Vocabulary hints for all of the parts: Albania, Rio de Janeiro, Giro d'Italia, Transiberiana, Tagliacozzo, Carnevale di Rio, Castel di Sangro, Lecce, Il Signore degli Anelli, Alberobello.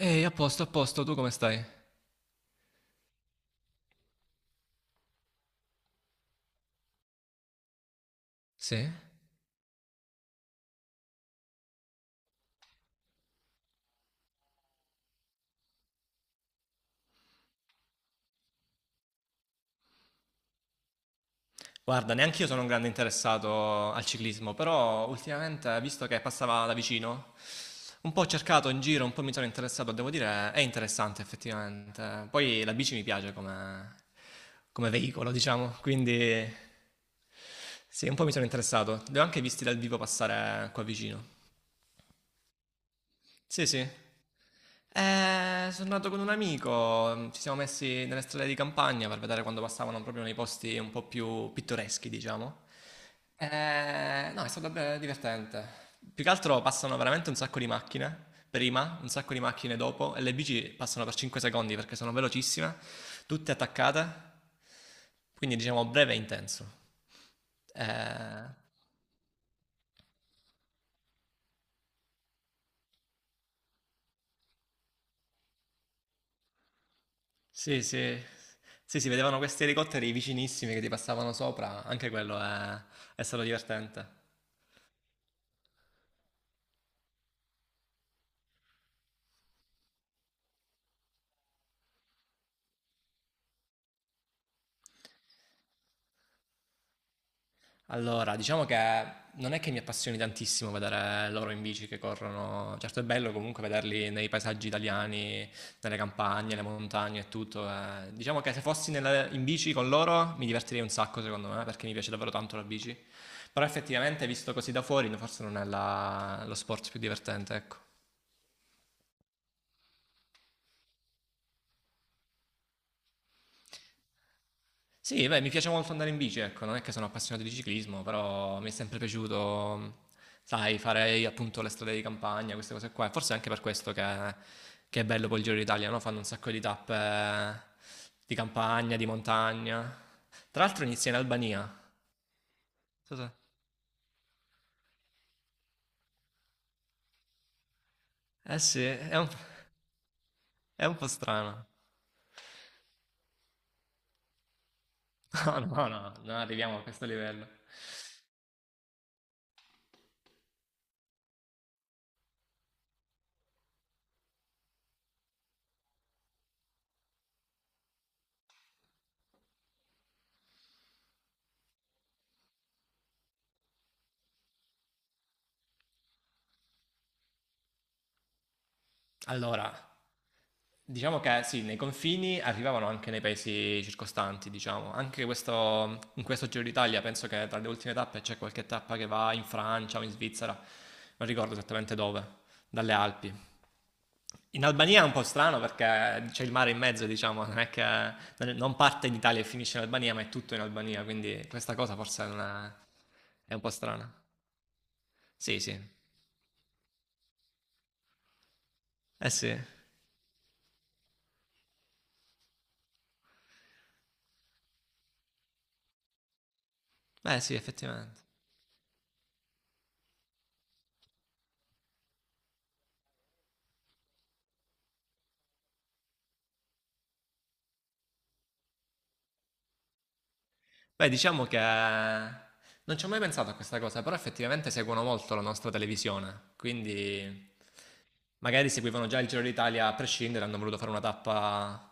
Ehi, a posto, tu come stai? Sì? Guarda, neanche io sono un grande interessato al ciclismo, però ultimamente, visto che passava da vicino, un po' ho cercato in giro, un po' mi sono interessato, devo dire, è interessante effettivamente. Poi la bici mi piace come, come veicolo, diciamo, quindi sì, un po' mi sono interessato. Li ho anche visti dal vivo passare qua vicino. Sì, sì. Sono andato con un amico, ci siamo messi nelle strade di campagna per vedere quando passavano proprio nei posti un po' più pittoreschi, diciamo. No, è stato divertente. Più che altro passano veramente un sacco di macchine prima, un sacco di macchine dopo e le bici passano per 5 secondi perché sono velocissime, tutte attaccate, quindi diciamo breve e intenso. Eh, Sì, sì. Sì, si vedevano questi elicotteri vicinissimi che ti passavano sopra, anche quello è stato divertente. Allora, diciamo che non è che mi appassioni tantissimo vedere loro in bici che corrono. Certo è bello comunque vederli nei paesaggi italiani, nelle campagne, le montagne e tutto. Diciamo che se fossi in bici con loro mi divertirei un sacco, secondo me, perché mi piace davvero tanto la bici. Però effettivamente, visto così da fuori, forse non è lo sport più divertente, ecco. Sì, beh, mi piace molto andare in bici, ecco, non è che sono appassionato di ciclismo, però mi è sempre piaciuto, sai, fare appunto le strade di campagna, queste cose qua. E forse è anche per questo che è bello poi il Giro d'Italia, no? Fanno un sacco di tappe di campagna, di montagna. Tra l'altro inizia in Albania. Non so. Eh sì, è un po' strano. No, no, no, non arriviamo a questo livello. Allora, diciamo che sì, nei confini arrivavano anche nei paesi circostanti, diciamo. In questo Giro d'Italia penso che tra le ultime tappe c'è qualche tappa che va in Francia o in Svizzera, non ricordo esattamente dove, dalle Alpi. In Albania è un po' strano perché c'è il mare in mezzo, diciamo, non è che non parte in Italia e finisce in Albania, ma è tutto in Albania, quindi questa cosa forse non è, è un po' strana. Sì, sì. Eh sì. Beh sì, effettivamente. Beh, diciamo che non ci ho mai pensato a questa cosa, però effettivamente seguono molto la nostra televisione, quindi magari seguivano già il Giro d'Italia a prescindere, hanno voluto fare una tappa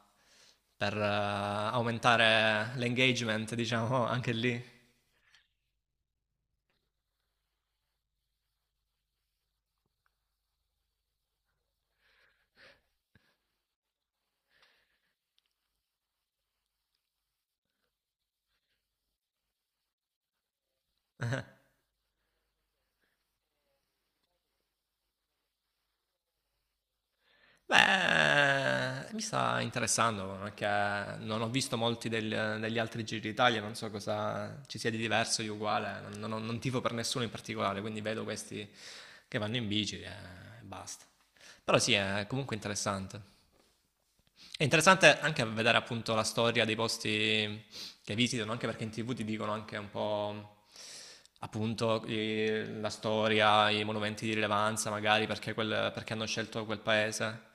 per aumentare l'engagement, diciamo, anche lì. Beh, mi sta interessando anche, non ho visto molti degli altri Giri d'Italia, non so cosa ci sia di diverso, di uguale, non tifo per nessuno in particolare, quindi vedo questi che vanno in bici e basta. Però sì, è comunque interessante. È interessante anche vedere appunto la storia dei posti che visitano, anche perché in TV ti dicono anche un po' appunto la storia, i monumenti di rilevanza, magari perché, perché hanno scelto quel paese.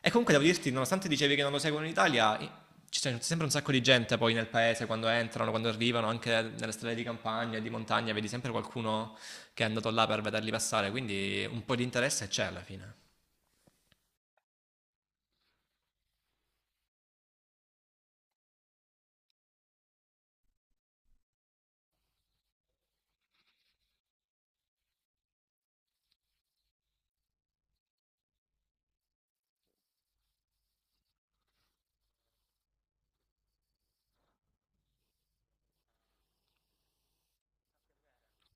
E comunque devo dirti, nonostante dicevi che non lo seguono in Italia, i- ci c'è sempre un sacco di gente poi nel paese quando entrano, quando arrivano, anche nelle strade di campagna, di montagna, vedi sempre qualcuno che è andato là per vederli passare, quindi un po' di interesse c'è alla fine.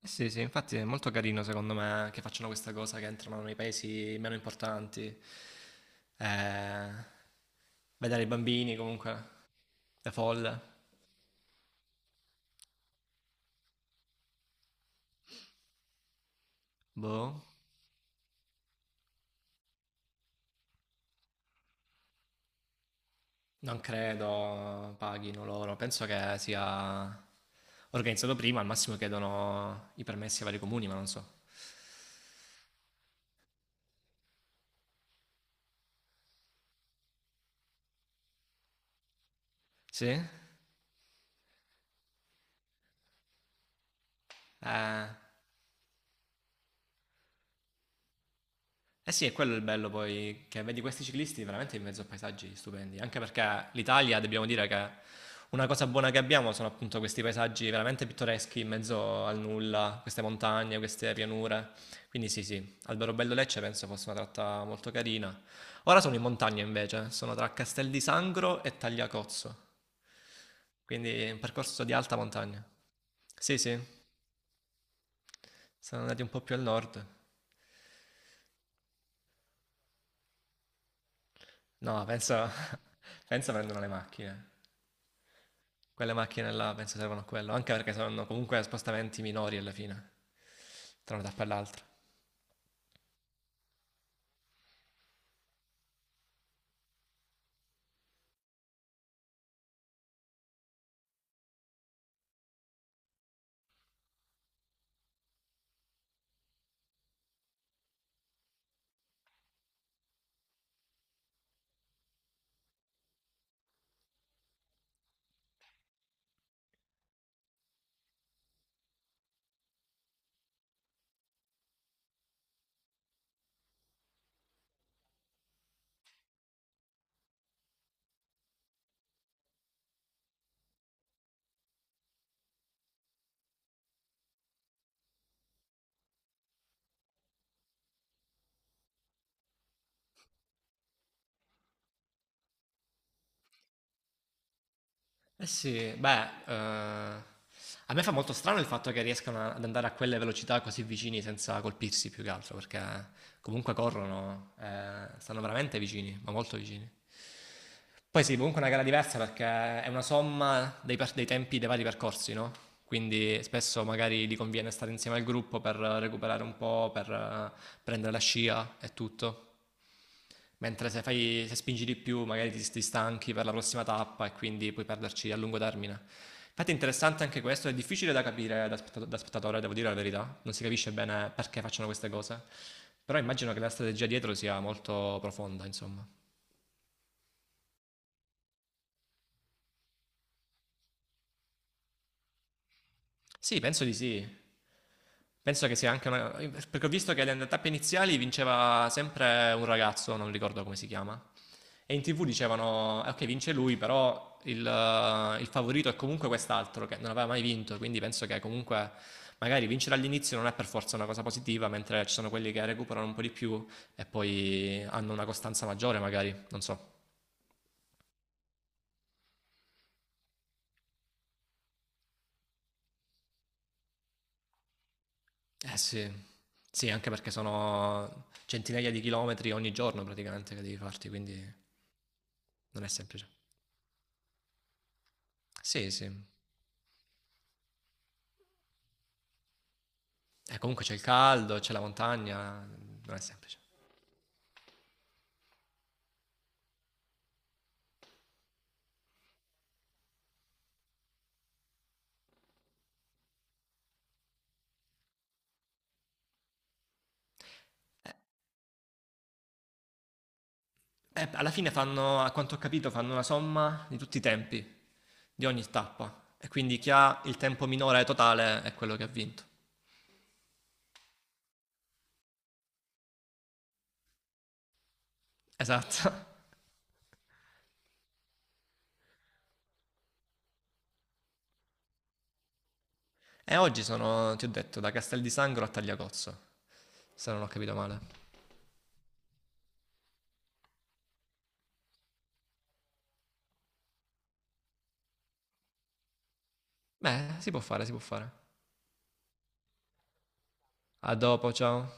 Sì, sì, infatti è molto carino secondo me che facciano questa cosa che entrano nei paesi meno importanti. Eh, vedere i bambini comunque, le folle. Boh, non credo paghino loro. Penso che sia organizzato prima, al massimo chiedono i permessi ai vari comuni, ma non so. Sì? Eh, Eh sì, è quello il bello poi, che vedi questi ciclisti veramente in mezzo a paesaggi stupendi, anche perché l'Italia, dobbiamo dire che una cosa buona che abbiamo sono appunto questi paesaggi veramente pittoreschi in mezzo al nulla, queste montagne, queste pianure. Quindi sì, sì, Alberobello Lecce penso fosse una tratta molto carina. Ora sono in montagna invece, sono tra Castel di Sangro e Tagliacozzo, quindi è un percorso di alta montagna. Sì, sì, sono andati un po' più al nord. No, penso, penso prendono le macchine. Quelle macchine là penso servono a quello, anche perché saranno comunque spostamenti minori alla fine, tra una tappa e l'altra. Eh sì, beh, a me fa molto strano il fatto che riescano ad andare a quelle velocità così vicini senza colpirsi più che altro, perché comunque corrono, stanno veramente vicini, ma molto vicini. Poi sì, comunque è una gara diversa perché è una somma dei tempi dei vari percorsi, no? Quindi spesso magari gli conviene stare insieme al gruppo per recuperare un po', per prendere la scia e tutto. Mentre se fai, se spingi di più, magari ti stanchi per la prossima tappa e quindi puoi perderci a lungo termine. Infatti è interessante anche questo, è difficile da capire da, da spettatore, devo dire la verità, non si capisce bene perché facciano queste cose, però immagino che la strategia dietro sia molto profonda, insomma. Sì, penso di sì. Penso che sia anche una. Perché ho visto che le tappe iniziali vinceva sempre un ragazzo, non ricordo come si chiama. E in TV dicevano, ok, vince lui, però il favorito è comunque quest'altro che non aveva mai vinto, quindi penso che comunque magari vincere all'inizio non è per forza una cosa positiva, mentre ci sono quelli che recuperano un po' di più e poi hanno una costanza maggiore, magari, non so. Eh sì. Sì, anche perché sono centinaia di chilometri ogni giorno praticamente che devi farti, quindi non è semplice. Sì, sì. E comunque c'è il caldo, c'è la montagna, non è semplice. Alla fine fanno, a quanto ho capito, fanno una somma di tutti i tempi, di ogni tappa. E quindi chi ha il tempo minore totale è quello che ha vinto. Esatto. E oggi sono, ti ho detto, da Castel di Sangro a Tagliacozzo, se non ho capito male. Beh, si può fare, si può fare. A dopo, ciao.